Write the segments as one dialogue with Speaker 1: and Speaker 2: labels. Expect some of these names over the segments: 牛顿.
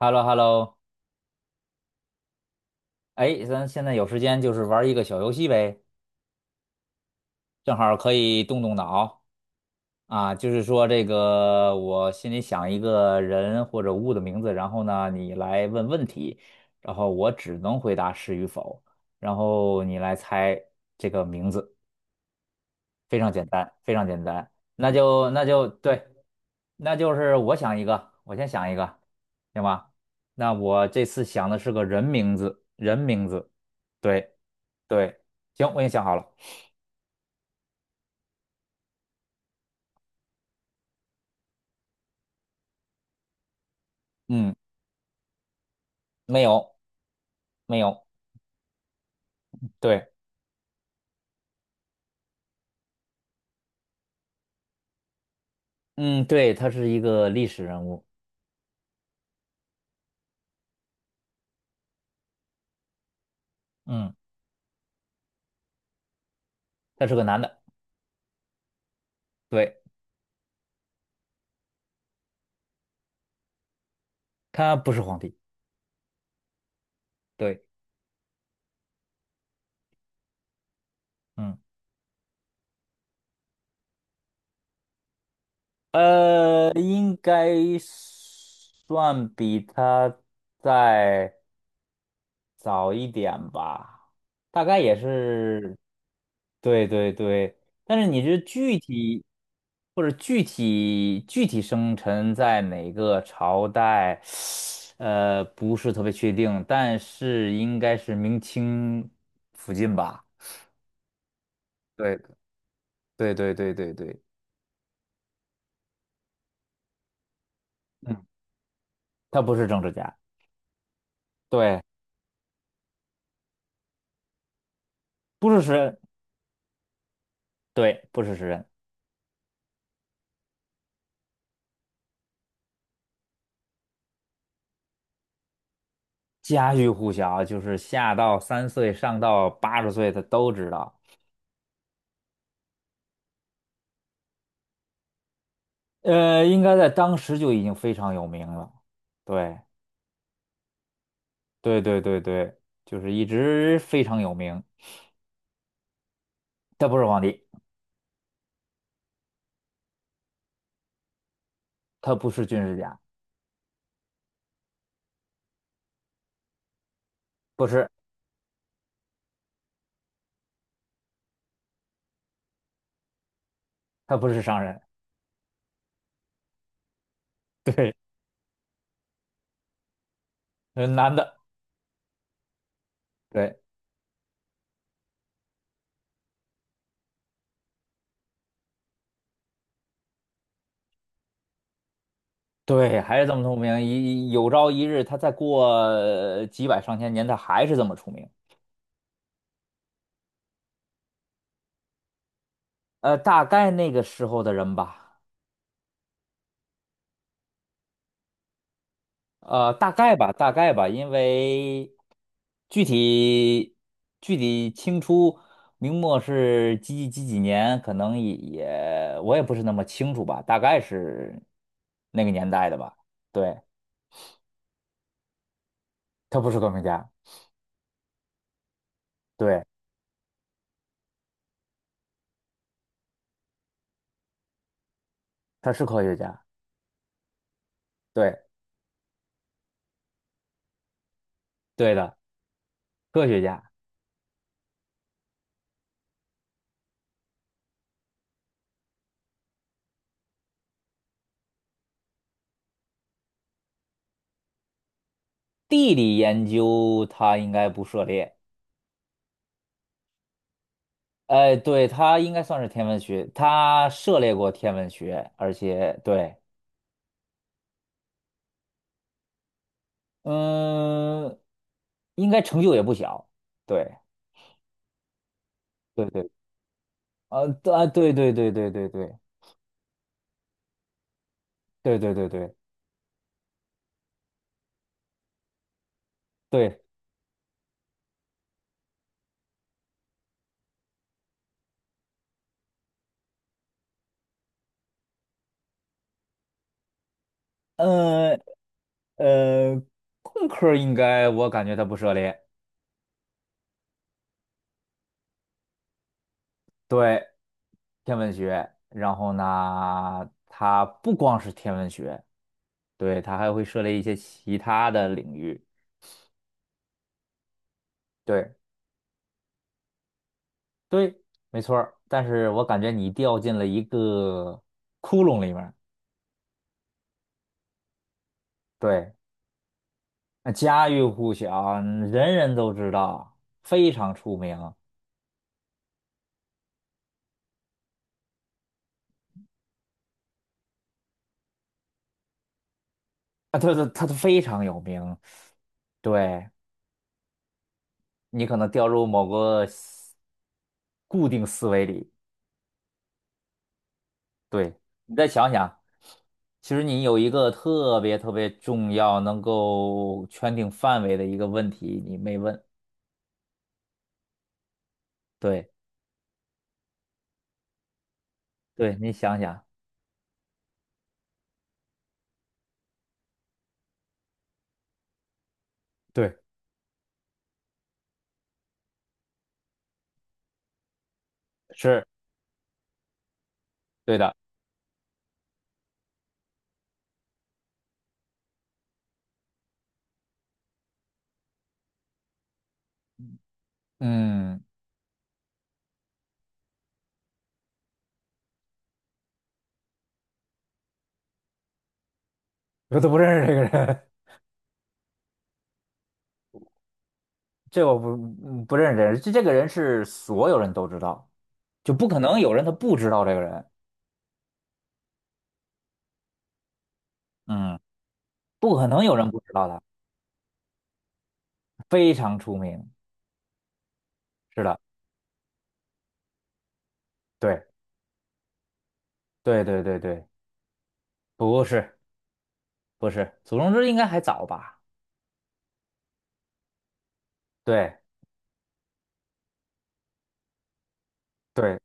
Speaker 1: h e l l o h e l l o 哎，咱现在有时间就是玩一个小游戏呗，正好可以动动脑啊。就是说这个，我心里想一个人或者物的名字，然后呢，你来问问题，然后我只能回答是与否，然后你来猜这个名字，非常简单，非常简单。那就对，那就是我想一个，我先想一个，行吧？那我这次想的是个人名字，人名字，对。对，行，我已经想好了。嗯，没有，没有。对，嗯，对，他是一个历史人物。嗯，他是个男的。对，他不是皇帝。对，嗯，应该算比他在。早一点吧，大概也是，对对对，但是你这具体或者具体生辰在哪个朝代，不是特别确定，但是应该是明清附近吧？对对对对对对，嗯，他不是政治家，对，不是诗人，对，不是诗人，家喻户晓，就是下到3岁，上到80岁，他都知道。应该在当时就已经非常有名了。对，对对对对，就是一直非常有名。他不是皇帝，他不是军事家，不是，他不是商人。对，男的，对对，还是这么出名。一有朝一日，他再过几百上千年，他还是这么出名。大概那个时候的人吧，大概吧，大概吧，因为具体具体清初明末是几几几几年，可能也我也不是那么清楚吧，大概是那个年代的吧。对，他不是革命家，对，他是科学家，对，对的，科学家。地理研究他应该不涉猎，哎，对，他应该算是天文学，他涉猎过天文学，而且对，嗯，应该成就也不小，对。对对。啊，对啊，对对对对对对对对对对对，呃呃，工科应该我感觉它不涉猎，对，天文学，然后呢，它不光是天文学，对，它还会涉猎一些其他的领域，对对，没错儿，但是我感觉你掉进了一个窟窿里面儿，对，那家喻户晓，人人都知道，非常出名。啊，对对，他非常有名，对，你可能掉入某个固定思维里。对，你再想想，其实你有一个特别特别重要、能够圈定范围的一个问题，你没问。对，对，你想想，对，是对的。嗯，我都不认识这个人。这我不嗯不认识这人，这这个人是所有人都知道，就不可能有人他不知道这个人。嗯，不可能有人不知道他，非常出名。是的，对，对对对对，不是。不是，祖冲之应该还早吧？对，对，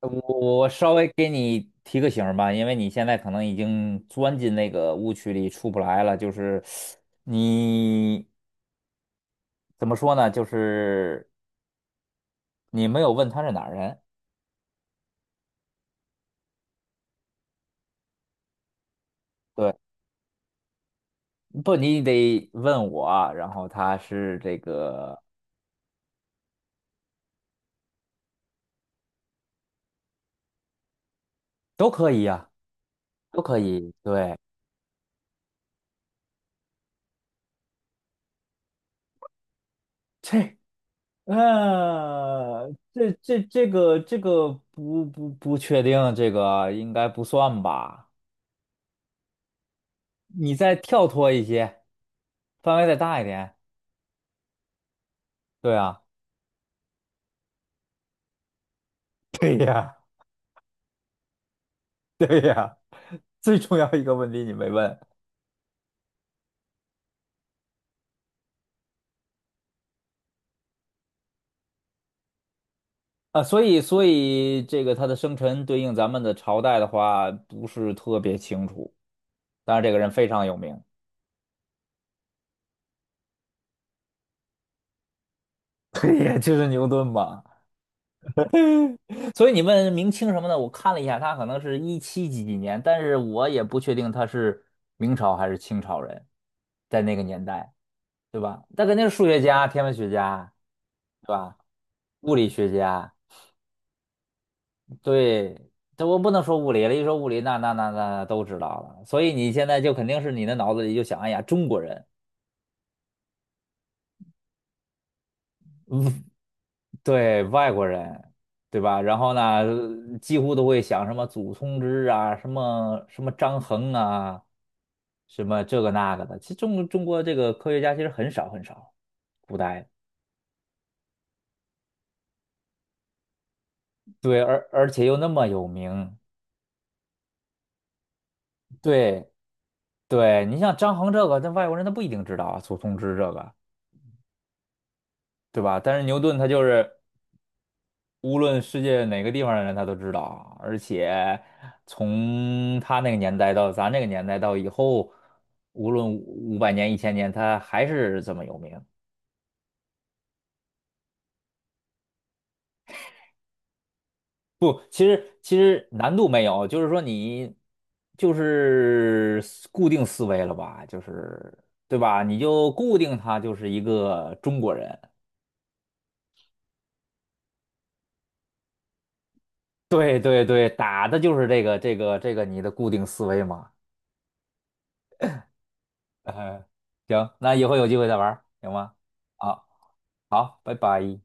Speaker 1: 我稍微给你提个醒儿吧，因为你现在可能已经钻进那个误区里出不来了。就是你怎么说呢？就是你没有问他是哪儿人，对，不，你得问我啊，然后他是这个都可以呀、都可以。对，这这个不确定，这个应该不算吧。你再跳脱一些，范围再大一点。对啊，对呀，最重要一个问题你没问啊，所以这个他的生辰对应咱们的朝代的话，不是特别清楚。当然，这个人非常有名，对呀，就是牛顿嘛。所以你问明清什么的，我看了一下，他可能是一七几几年，但是我也不确定他是明朝还是清朝人，在那个年代，对吧？他肯定是数学家、天文学家，对吧？物理学家。对，这我不能说物理了，一说物理，那都知道了。所以你现在就肯定是你的脑子里就想，哎呀，中国人，对，外国人，对吧？然后呢，几乎都会想什么祖冲之啊，什么什么张衡啊，什么这个那个的。其实中国这个科学家其实很少很少，古代，对，而且又那么有名，对对，你像张衡这个，那外国人他不一定知道啊，祖冲之这个，对吧？但是牛顿他就是。无论世界哪个地方的人，他都知道。而且从他那个年代到咱这个年代到以后，无论500年、1000年，他还是这么有名。不，其实难度没有，就是说你就是固定思维了吧，就是对吧？你就固定他就是一个中国人。对对对，打的就是这个你的固定思维嘛。呃，行，那以后有机会再玩儿行吗？啊。好，拜拜。